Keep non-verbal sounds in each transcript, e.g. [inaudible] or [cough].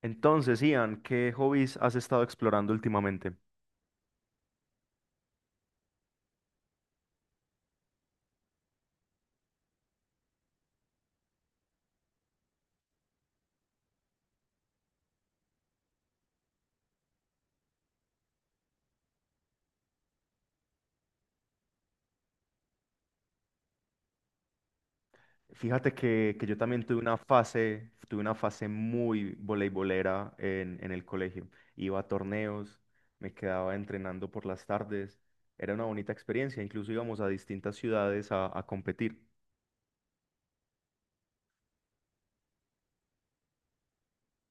Entonces, Ian, ¿qué hobbies has estado explorando últimamente? Fíjate que yo también tuve una fase muy voleibolera en el colegio. Iba a torneos, me quedaba entrenando por las tardes. Era una bonita experiencia, incluso íbamos a distintas ciudades a competir.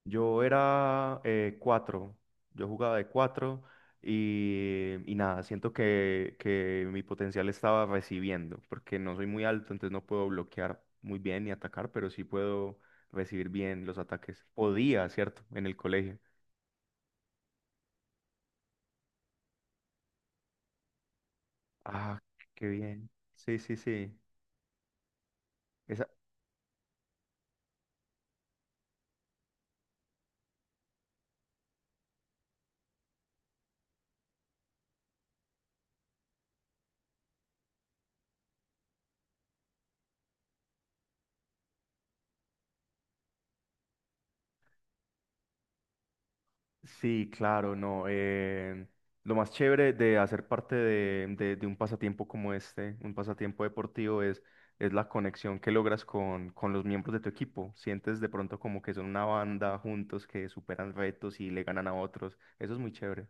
Yo era cuatro, yo jugaba de cuatro y nada, siento que mi potencial estaba recibiendo, porque no soy muy alto, entonces no puedo bloquear muy bien ni atacar, pero sí puedo recibir bien los ataques. Podía, ¿cierto? En el colegio. Ah, qué bien. Sí, sí, sí. Sí, claro, no. Lo más chévere de hacer parte de un pasatiempo como este, un pasatiempo deportivo, es la conexión que logras con los miembros de tu equipo. Sientes de pronto como que son una banda juntos que superan retos y le ganan a otros. Eso es muy chévere.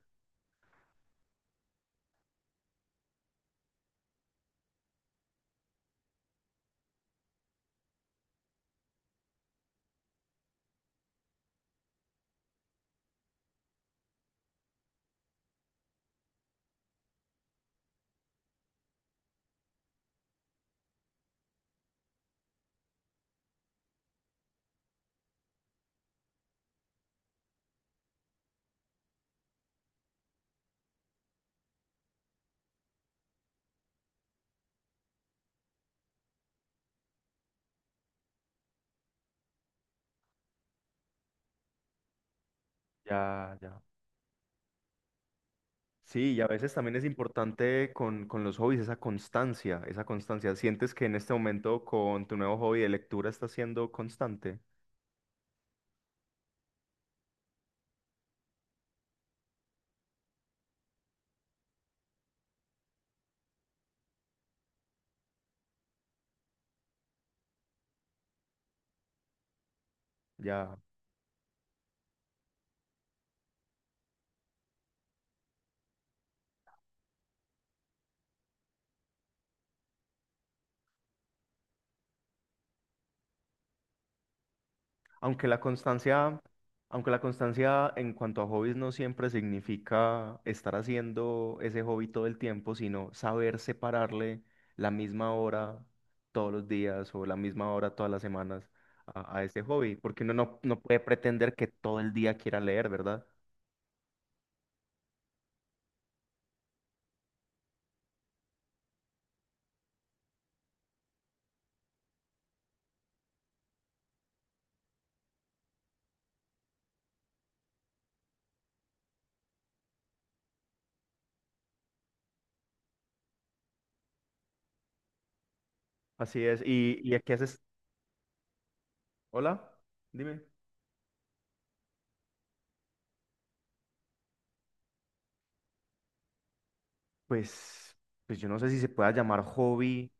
Ya, ya. Sí, y a veces también es importante con los hobbies esa constancia, esa constancia. ¿Sientes que en este momento con tu nuevo hobby de lectura estás siendo constante? Ya. Aunque la constancia, aunque la constancia en cuanto a hobbies no siempre significa estar haciendo ese hobby todo el tiempo, sino saber separarle la misma hora todos los días o la misma hora todas las semanas a ese hobby, porque uno no, no puede pretender que todo el día quiera leer, ¿verdad? Así es. Y a qué haces? Hola, dime. Pues, pues yo no sé si se pueda llamar hobby,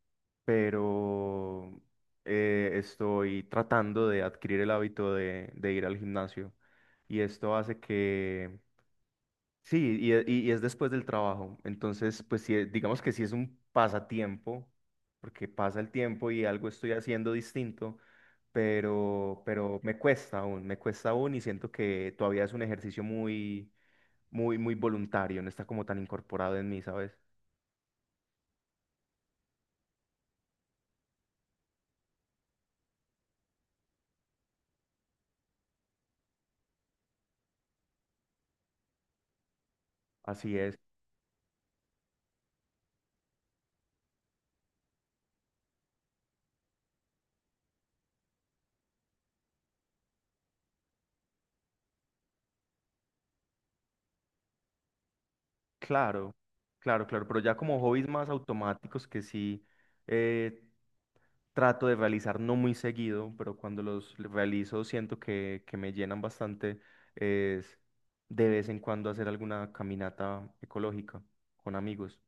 pero estoy tratando de adquirir el hábito de ir al gimnasio. Y esto hace que, sí, y es después del trabajo. Entonces, pues sí, digamos que sí es un pasatiempo, porque pasa el tiempo y algo estoy haciendo distinto, pero me cuesta aún y siento que todavía es un ejercicio muy, muy, muy voluntario, no está como tan incorporado en mí, ¿sabes? Así es. Claro, claro, claro, pero ya como hobbies más automáticos que sí, eh, trato de realizar no muy seguido, pero cuando los realizo siento que me llenan bastante, es de vez en cuando hacer alguna caminata ecológica con amigos.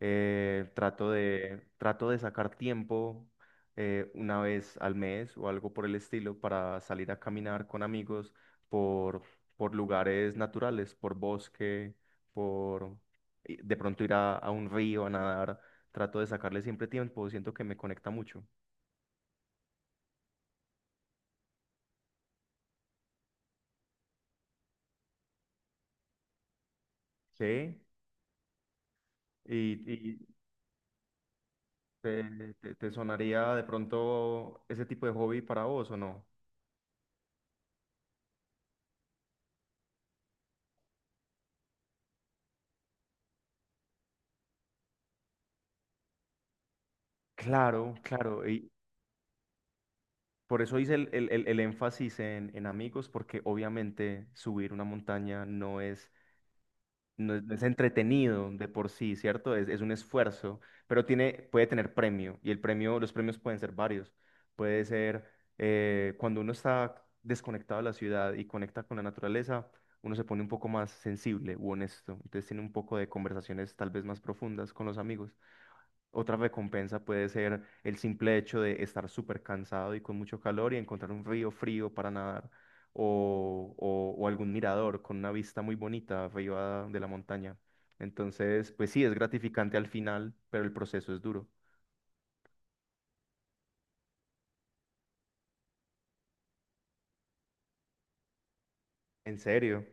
Trato de, trato de sacar tiempo una vez al mes o algo por el estilo para salir a caminar con amigos por, por lugares naturales, por bosque, por y de pronto ir a un río a nadar. Trato de sacarle siempre tiempo, siento que me conecta mucho. Sí, y, y te, te sonaría de pronto ese tipo de hobby para vos o no? Claro, claro, y por eso hice el énfasis en amigos, porque obviamente subir una montaña no es no es, no es entretenido de por sí, ¿cierto? Es un esfuerzo, pero tiene, puede tener premio y el premio, los premios pueden ser varios. Puede ser cuando uno está desconectado de la ciudad y conecta con la naturaleza, uno se pone un poco más sensible u honesto. Entonces tiene un poco de conversaciones tal vez más profundas con los amigos. Otra recompensa puede ser el simple hecho de estar súper cansado y con mucho calor y encontrar un río frío para nadar o, o algún mirador con una vista muy bonita arriba de la montaña. Entonces, pues sí, es gratificante al final, pero el proceso es duro. ¿En serio?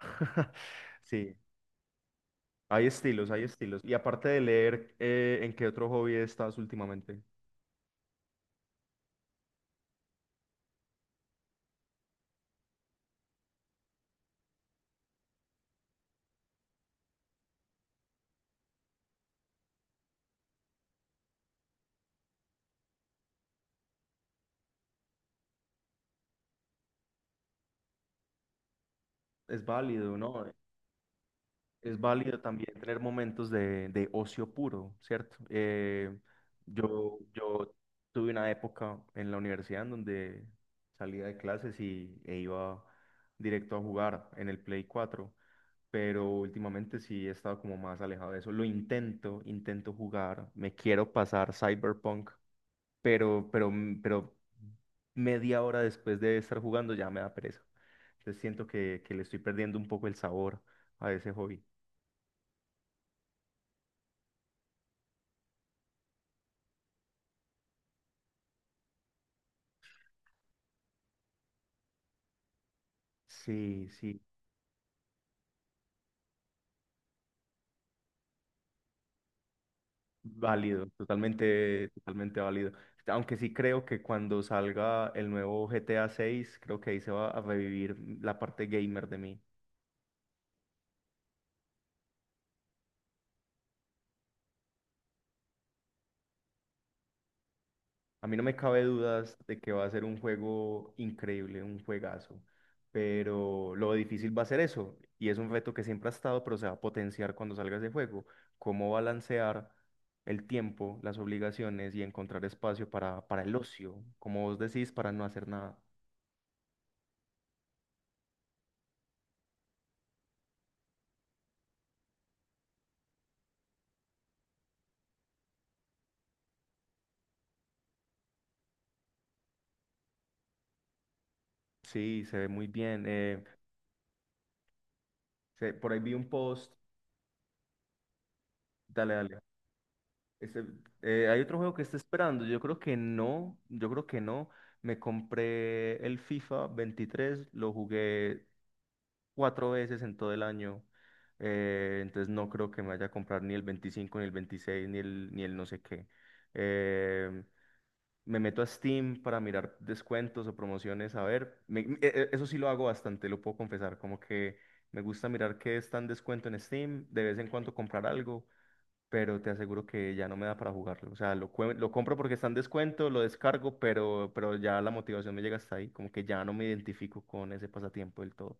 [laughs] Sí, hay estilos, hay estilos. Y aparte de leer, ¿en qué otro hobby estás últimamente? Es válido, ¿no? Es válido también tener momentos de ocio puro, ¿cierto? Yo tuve una época en la universidad en donde salía de clases y, e iba directo a jugar en el Play cuatro, pero últimamente sí he estado como más alejado de eso. Lo intento, intento jugar, me quiero pasar Cyberpunk, pero, pero media hora después de estar jugando ya me da pereza. Entonces siento que le estoy perdiendo un poco el sabor a ese hobby. Sí, sí, válido, totalmente, totalmente válido. Aunque sí creo que cuando salga el nuevo GTA 6, creo que ahí se va a revivir la parte gamer de mí. A mí no me cabe dudas de que va a ser un juego increíble, un juegazo, pero lo difícil va a ser eso, y es un reto que siempre ha estado, pero se va a potenciar cuando salga ese juego. Cómo balancear el tiempo, las obligaciones y encontrar espacio para el ocio, como vos decís, para no hacer nada. Sí, se ve muy bien. Sí, por ahí vi un post. Dale, dale. Ese- Hay otro juego que está esperando. Yo creo que no. Yo creo que no. Me compré el FIFA 23. Lo jugué cuatro veces en todo el año. Entonces no creo que me vaya a comprar ni el 25, ni el 26, ni el, ni el no sé qué. Eh, Me meto a Steam para mirar descuentos o promociones. A ver, eso sí lo hago bastante, lo puedo confesar. Como que me gusta mirar qué está en descuento en Steam. De vez en cuando comprar algo, pero te aseguro que ya no me da para jugarlo. O sea, lo, lo compro porque está en descuento, lo descargo, pero ya la motivación me llega hasta ahí, como que ya no me identifico con ese pasatiempo del todo.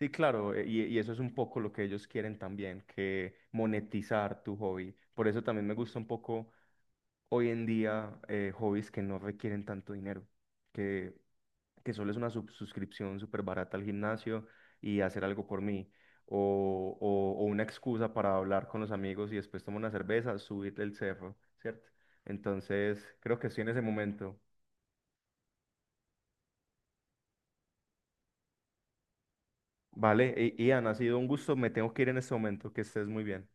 Sí, claro, y eso es un poco lo que ellos quieren también, que monetizar tu hobby. Por eso también me gusta un poco hoy en día hobbies que no requieren tanto dinero, que, que solo es una suscripción súper barata al gimnasio y hacer algo por mí, o una excusa para hablar con los amigos y después tomar una cerveza, subir el cerro, ¿cierto? Entonces, creo que estoy en ese momento. Vale, Ian, ha sido un gusto, me tengo que ir en este momento, que estés muy bien.